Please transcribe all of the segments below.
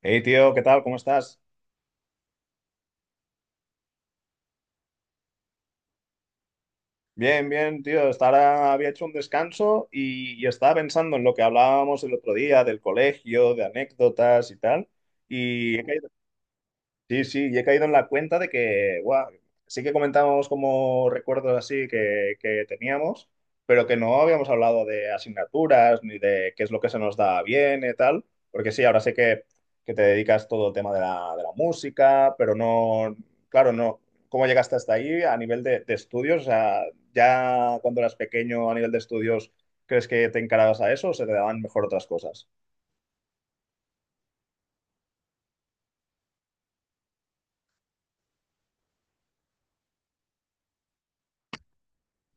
Hey, tío, ¿qué tal? ¿Cómo estás? Bien, bien, tío. Hasta ahora había hecho un descanso y estaba pensando en lo que hablábamos el otro día del colegio, de anécdotas y tal. Y he caído. Sí, sí, y he caído en la cuenta de que, guau, sí que comentábamos como recuerdos así que teníamos, pero que no habíamos hablado de asignaturas ni de qué es lo que se nos da bien y tal, porque sí, ahora sé que te dedicas todo el tema de la música, pero no, claro, no, ¿cómo llegaste hasta ahí a nivel de estudios? O sea, ya cuando eras pequeño a nivel de estudios, ¿crees que te encarabas a eso o se te daban mejor otras cosas?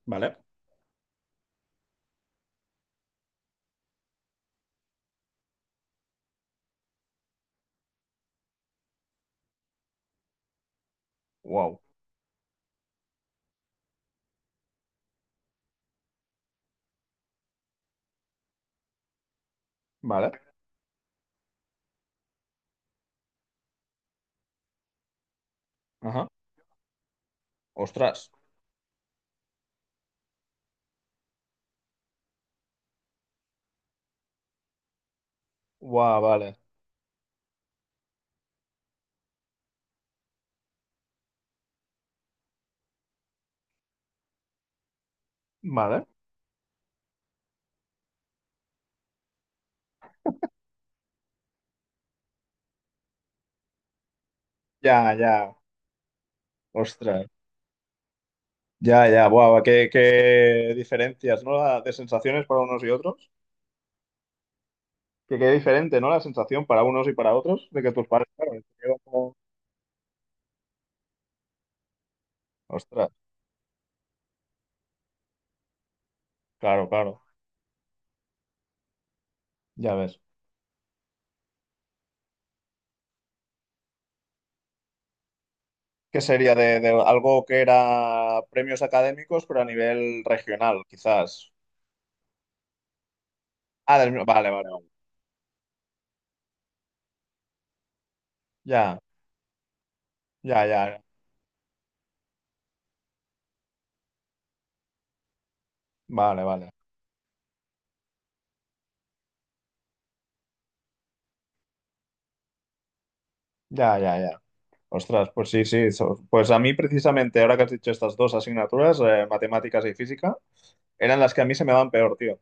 ¿Vale? Wow, ¿vale? Ajá. Ostras. Guau, vale. Vale. Ya, ya, ostras, ya, ya, buah, qué, qué diferencias, ¿no? La- De sensaciones para unos y otros, que qué diferente, ¿no? La sensación para unos y para otros, de que tus padres, claro, se quedan como, ostras, claro, claro, ya ves. ¿Qué sería de algo que era premios académicos, pero a nivel regional, quizás? Ah, del mi- vale, vale, vale. Ya, ya, ya, vale, vale, ya, ya, ya. Ostras, pues sí, sí, so- pues a mí precisamente, ahora que has dicho estas dos asignaturas, matemáticas y física, eran las que a mí se me van peor, tío.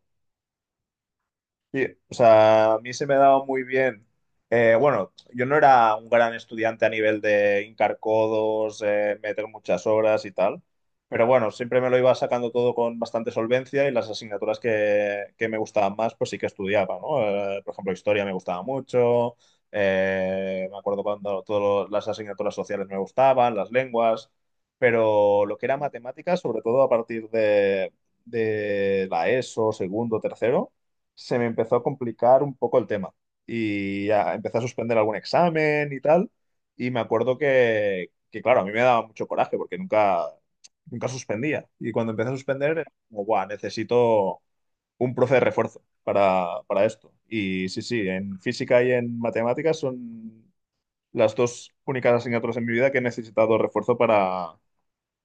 Sí, o sea, a mí se me daba muy bien. Bueno, yo no era un gran estudiante a nivel de hincar codos, meter muchas horas y tal, pero bueno, siempre me lo iba sacando todo con bastante solvencia y las asignaturas que me gustaban más, pues sí que estudiaba, ¿no? Por ejemplo, historia me gustaba mucho, me acuerdo cuando todas las asignaturas sociales me gustaban, las lenguas, pero lo que era matemáticas, sobre todo a partir de la ESO, segundo, tercero, se me empezó a complicar un poco el tema y ya empecé a suspender algún examen y tal. Y me acuerdo que, claro, a mí me daba mucho coraje porque nunca, nunca suspendía. Y cuando empecé a suspender, era como, "Buah, necesito un profe de refuerzo para esto". Y sí, sí, en física y en matemáticas son las dos únicas asignaturas en mi vida que he necesitado refuerzo para,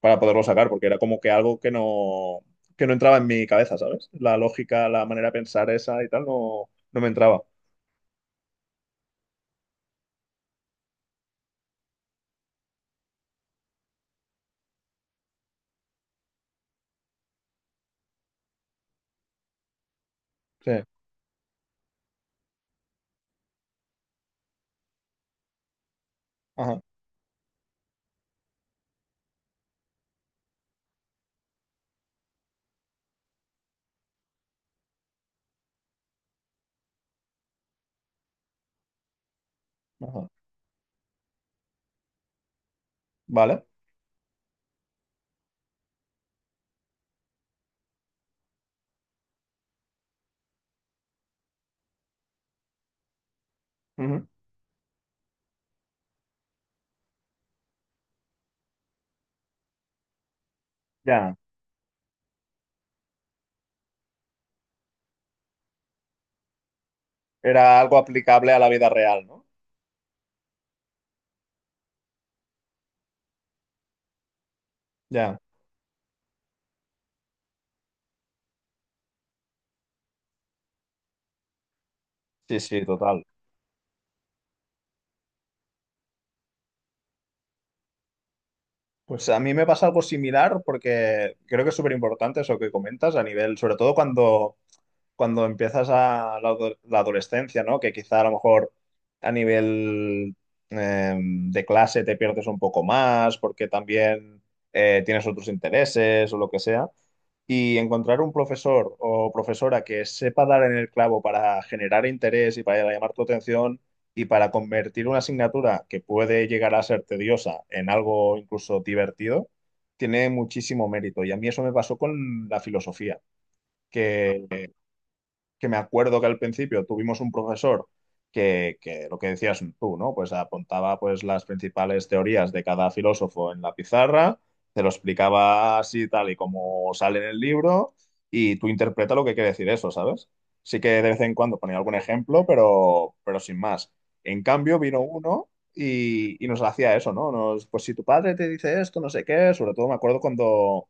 para poderlo sacar, porque era como que algo que no entraba en mi cabeza, ¿sabes? La lógica, la manera de pensar esa y tal, no, no me entraba. Sí, ajá, ajá. Vale. Ujú. Ya. Era algo aplicable a la vida real, ¿no? Ya. Sí, sí, total. Pues a mí me pasa algo similar porque creo que es súper importante eso que comentas a nivel, sobre todo cuando empiezas a la, ado- la adolescencia, ¿no? Que quizá a lo mejor a nivel de clase te pierdes un poco más porque también tienes otros intereses o lo que sea. Y encontrar un profesor o profesora que sepa dar en el clavo para generar interés y para llamar tu atención y para convertir una asignatura que puede llegar a ser tediosa en algo incluso divertido, tiene muchísimo mérito. Y a mí eso me pasó con la filosofía que que me acuerdo que al principio tuvimos un profesor que lo que decías tú, ¿no? Pues apuntaba pues las principales teorías de cada filósofo en la pizarra, te lo explicaba así tal y como sale en el libro y tú interpreta lo que quiere decir eso, ¿sabes? Sí que de vez en cuando ponía algún ejemplo, pero sin más. En cambio vino uno y nos hacía eso, ¿no? Nos, pues si tu padre te dice esto, no sé qué, sobre todo me acuerdo cuando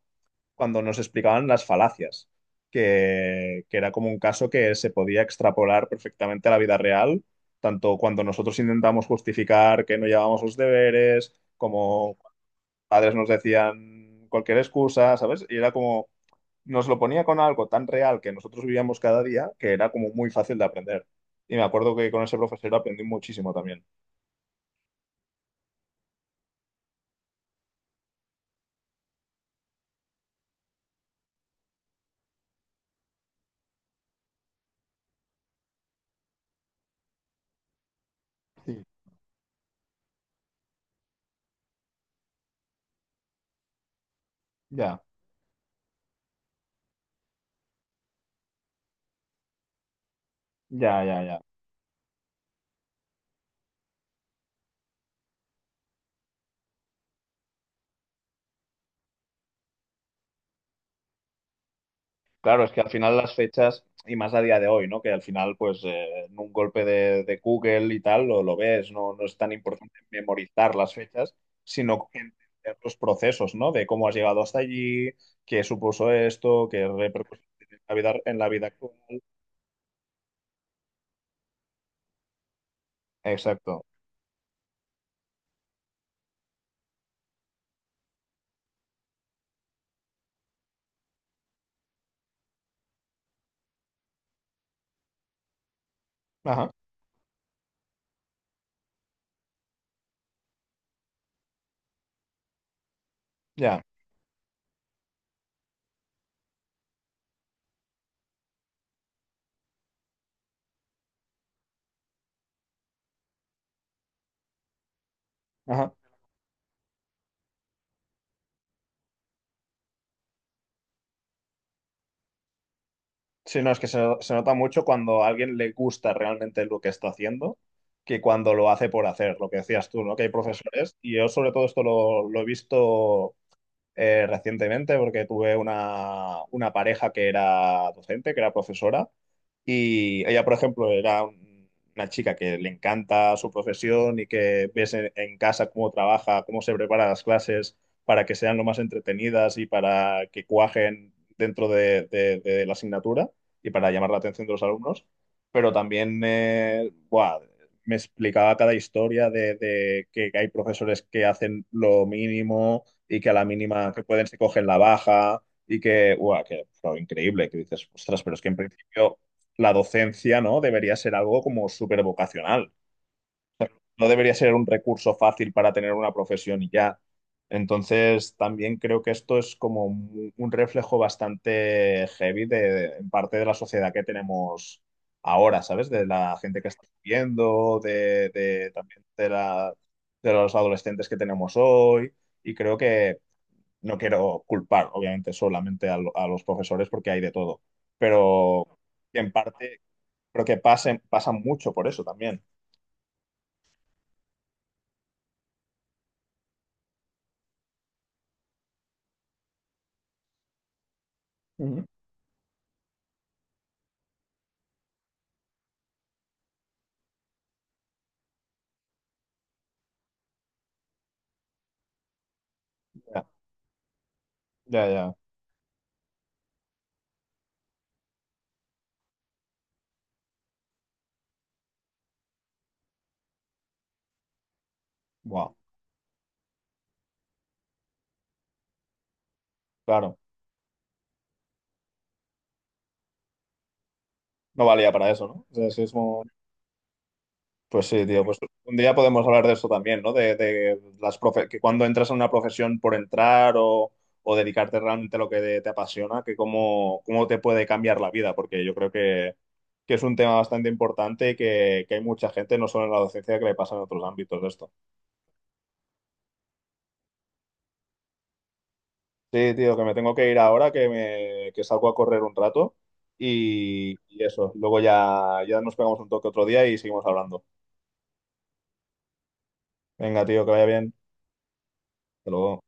cuando nos explicaban las falacias, que era como un caso que se podía extrapolar perfectamente a la vida real, tanto cuando nosotros intentamos justificar que no llevábamos los deberes, como padres nos decían cualquier excusa, ¿sabes? Y era como, nos lo ponía con algo tan real que nosotros vivíamos cada día, que era como muy fácil de aprender. Y me acuerdo que con ese profesor aprendí muchísimo también. Sí. Ya, ya, ya, ya. Claro, es que al final las fechas, y más a día de hoy, ¿no? Que al final, pues, en un golpe de Google y tal, lo ves, no, no es tan importante memorizar las fechas, sino entender los procesos, ¿no? De cómo has llegado hasta allí, qué supuso esto, qué repercusiones tiene en la vida actual. Exacto. Ajá, ya. Ajá. Sí, no, es que se nota mucho cuando a alguien le gusta realmente lo que está haciendo que cuando lo hace por hacer, lo que decías tú, ¿no? Que hay profesores, y yo sobre todo esto lo he visto recientemente porque tuve una pareja que era docente, que era profesora, y ella, por ejemplo, era un- una chica que le encanta su profesión y que ves en casa cómo trabaja, cómo se prepara las clases para que sean lo más entretenidas y para que cuajen dentro de la asignatura y para llamar la atención de los alumnos. Pero también buah, me explicaba cada historia de que hay profesores que hacen lo mínimo y que a la mínima que pueden se cogen la baja y que, buah, que fue increíble, que dices, ostras, pero es que en principio la docencia, ¿no? Debería ser algo como súper vocacional. No debería ser un recurso fácil para tener una profesión y ya. Entonces, también creo que esto es como un reflejo bastante heavy de, en parte de la sociedad que tenemos ahora, ¿sabes? De la gente que está viviendo, de- también de la, de los adolescentes que tenemos hoy. Y creo que no quiero culpar, obviamente, solamente a, lo- a los profesores porque hay de todo. Pero en parte creo que pasan mucho por eso también. Ujú. Ya, ya, ya. Wow, claro. No valía para eso, ¿no? O sea, sí es como- Pues sí, tío, pues un día podemos hablar de eso también, ¿no? De las profe- que cuando entras en una profesión por entrar o dedicarte realmente a lo que te apasiona, que cómo, cómo te puede cambiar la vida, porque yo creo que es un tema bastante importante y que hay mucha gente, no solo en la docencia, que le pasa en otros ámbitos de esto. Sí, tío, que me tengo que ir ahora, que, me, que salgo a correr un rato y eso. Luego ya, ya nos pegamos un toque otro día y seguimos hablando. Venga, tío, que vaya bien. Hasta luego.